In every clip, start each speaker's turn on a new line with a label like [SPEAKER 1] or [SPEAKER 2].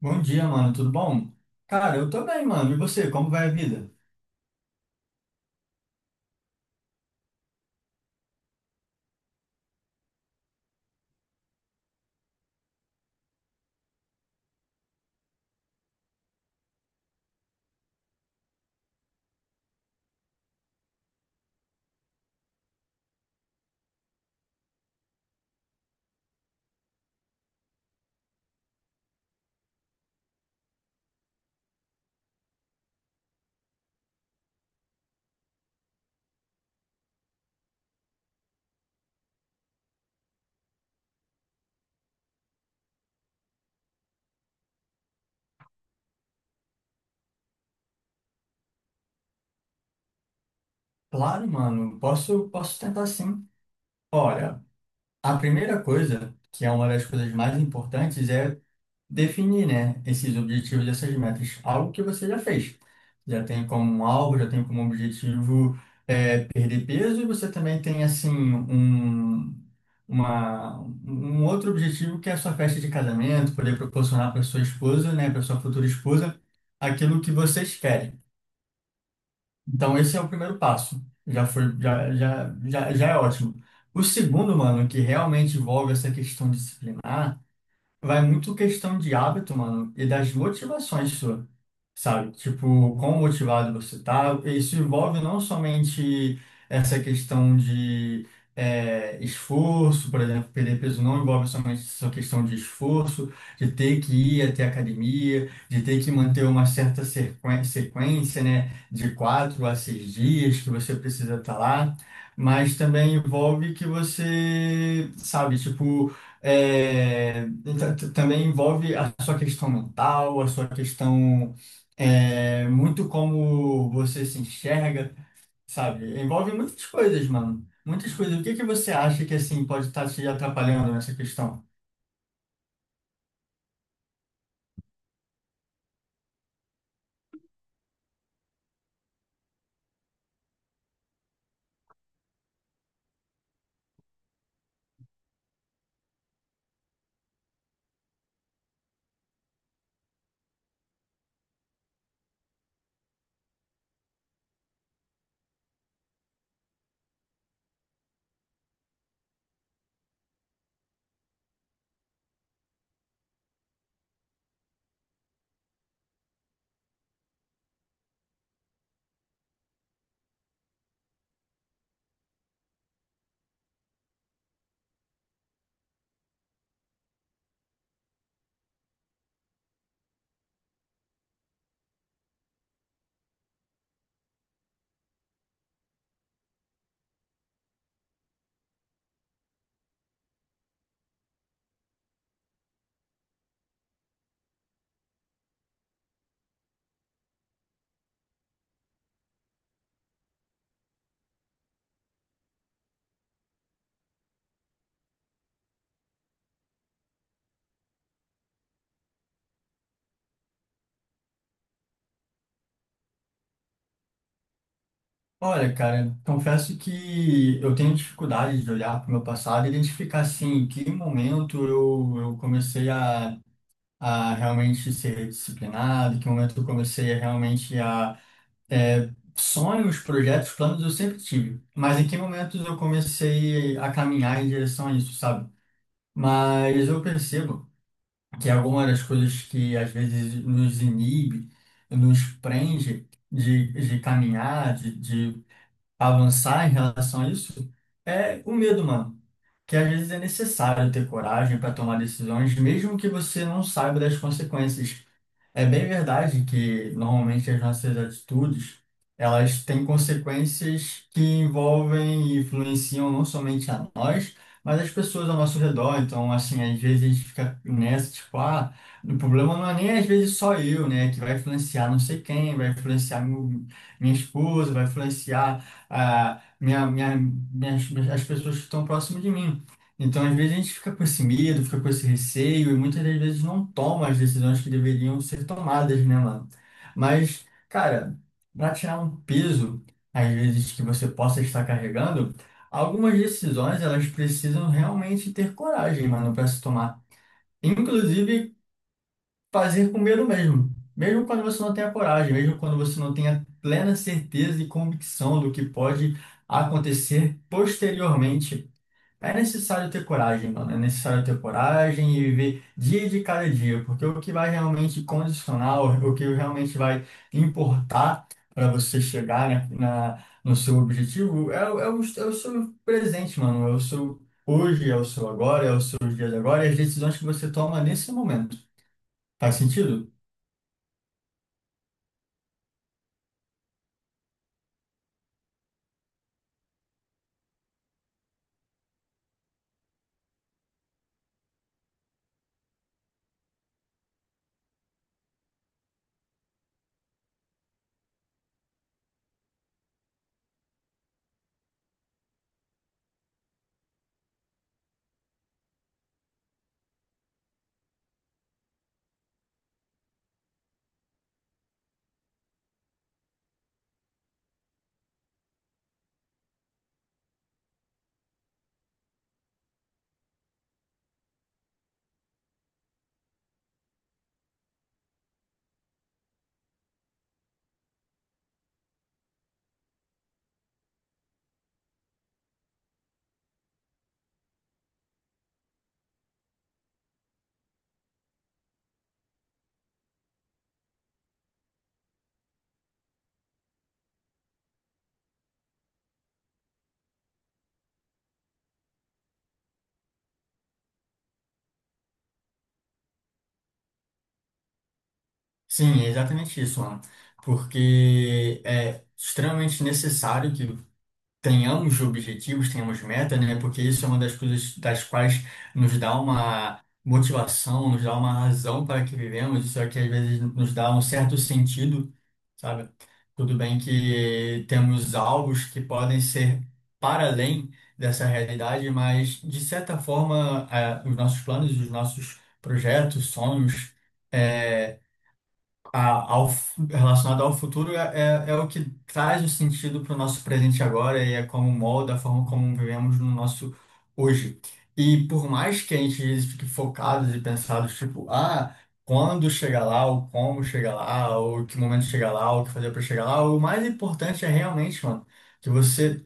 [SPEAKER 1] Bom dia, mano. Tudo bom? Cara, eu tô bem, mano. E você, como vai a vida? Claro, mano. Posso tentar sim. Olha, a primeira coisa, que é uma das coisas mais importantes, é definir, né, esses objetivos, essas metas, algo que você já fez. Já tem como um alvo, já tem como objetivo perder peso, e você também tem assim um uma um outro objetivo, que é a sua festa de casamento, poder proporcionar para sua esposa, né, para sua futura esposa, aquilo que vocês querem. Então esse é o primeiro passo. Já foi já, já é ótimo. O segundo, mano, que realmente envolve essa questão disciplinar, vai muito questão de hábito, mano, e das motivações sua, sabe? Tipo, quão motivado você tá. Isso envolve não somente essa questão de esforço. Por exemplo, perder peso não envolve somente essa questão de esforço, de ter que ir até a academia, de ter que manter uma certa sequência, né, de quatro a seis dias que você precisa estar lá, mas também envolve que você, sabe, tipo é, então, também envolve a sua questão mental, a sua questão, muito como você se enxerga, sabe? Envolve muitas coisas, mano. Muitas coisas. O que que você acha que, assim, pode estar te atrapalhando nessa questão? Olha, cara, confesso que eu tenho dificuldade de olhar para o meu passado e identificar, assim, em que momento eu comecei a realmente ser disciplinado, em que momento eu comecei a realmente a É, sonhos, projetos, planos eu sempre tive, mas em que momentos eu comecei a caminhar em direção a isso, sabe? Mas eu percebo que algumas das coisas que às vezes nos inibe, nos prende de caminhar, de avançar em relação a isso, é o medo, mano. Que às vezes é necessário ter coragem para tomar decisões, mesmo que você não saiba das consequências. É bem verdade que normalmente as nossas atitudes, elas têm consequências que envolvem e influenciam não somente a nós, mas as pessoas ao nosso redor. Então, assim, às vezes a gente fica nessa, tipo, ah, o problema não é nem às vezes só eu, né, que vai influenciar não sei quem, vai influenciar minha esposa, vai influenciar ah, minhas, as pessoas que estão próximas de mim. Então, às vezes a gente fica com esse medo, fica com esse receio, e muitas das vezes não toma as decisões que deveriam ser tomadas, né, mano? Mas, cara, para tirar um peso, às vezes que você possa estar carregando, algumas decisões, elas precisam realmente ter coragem, mano, para se tomar. Inclusive, fazer com medo mesmo. Mesmo quando você não tenha coragem, mesmo quando você não tenha plena certeza e convicção do que pode acontecer posteriormente. É necessário ter coragem, mano. É necessário ter coragem e viver dia de cada dia, porque o que vai realmente condicionar, o que realmente vai importar para você chegar, né, na, no seu objetivo é o seu presente, mano. É o seu hoje, é o seu agora, é os seus dias agora e as decisões que você toma nesse momento. Faz sentido? Sim, é exatamente isso, mano. Porque é extremamente necessário que tenhamos objetivos, tenhamos meta, né? Porque isso é uma das coisas das quais nos dá uma motivação, nos dá uma razão para que vivemos, isso é que às vezes nos dá um certo sentido, sabe? Tudo bem que temos alvos que podem ser para além dessa realidade, mas de certa forma, os nossos planos, os nossos projetos, sonhos, é, relacionado ao futuro é o que traz o sentido para o nosso presente agora e é como molda a forma como vivemos no nosso hoje. E por mais que a gente fique focado e pensado, tipo, ah, quando chegar lá, ou como chegar lá, ou que momento chegar lá, ou o que fazer para chegar lá, o mais importante é realmente, mano, que você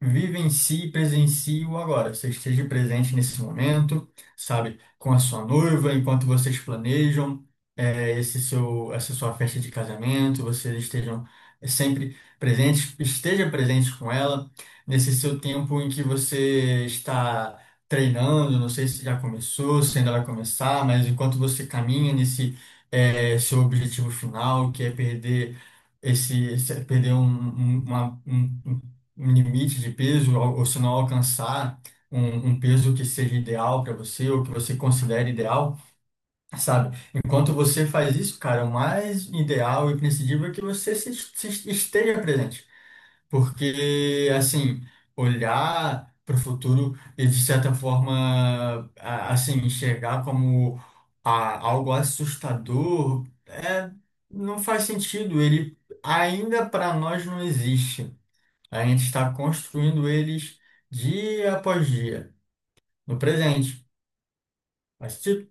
[SPEAKER 1] vivencie e presencie o agora. Você esteja presente nesse momento, sabe, com a sua noiva, enquanto vocês planejam esse seu, essa sua festa de casamento, vocês estejam sempre presentes, esteja presente com ela nesse seu tempo em que você está treinando, não sei se já começou, se ainda vai começar, mas enquanto você caminha nesse seu objetivo final, que é perder esse, perder um, um, um limite de peso, ou se não alcançar um, um peso que seja ideal para você, ou que você considere ideal, sabe? Enquanto você faz isso, cara, o mais ideal e imprescindível é que você se esteja presente. Porque, assim, olhar para o futuro e, de certa forma, assim, enxergar como algo assustador não faz sentido. Ele ainda para nós não existe. A gente está construindo eles dia após dia, no presente. Mas, tipo,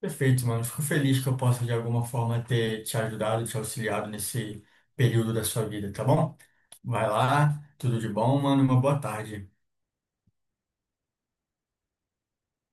[SPEAKER 1] perfeito, mano. Fico feliz que eu possa, de alguma forma, ter te ajudado, te auxiliado nesse período da sua vida, tá bom? Vai lá, tudo de bom, mano, e uma boa tarde.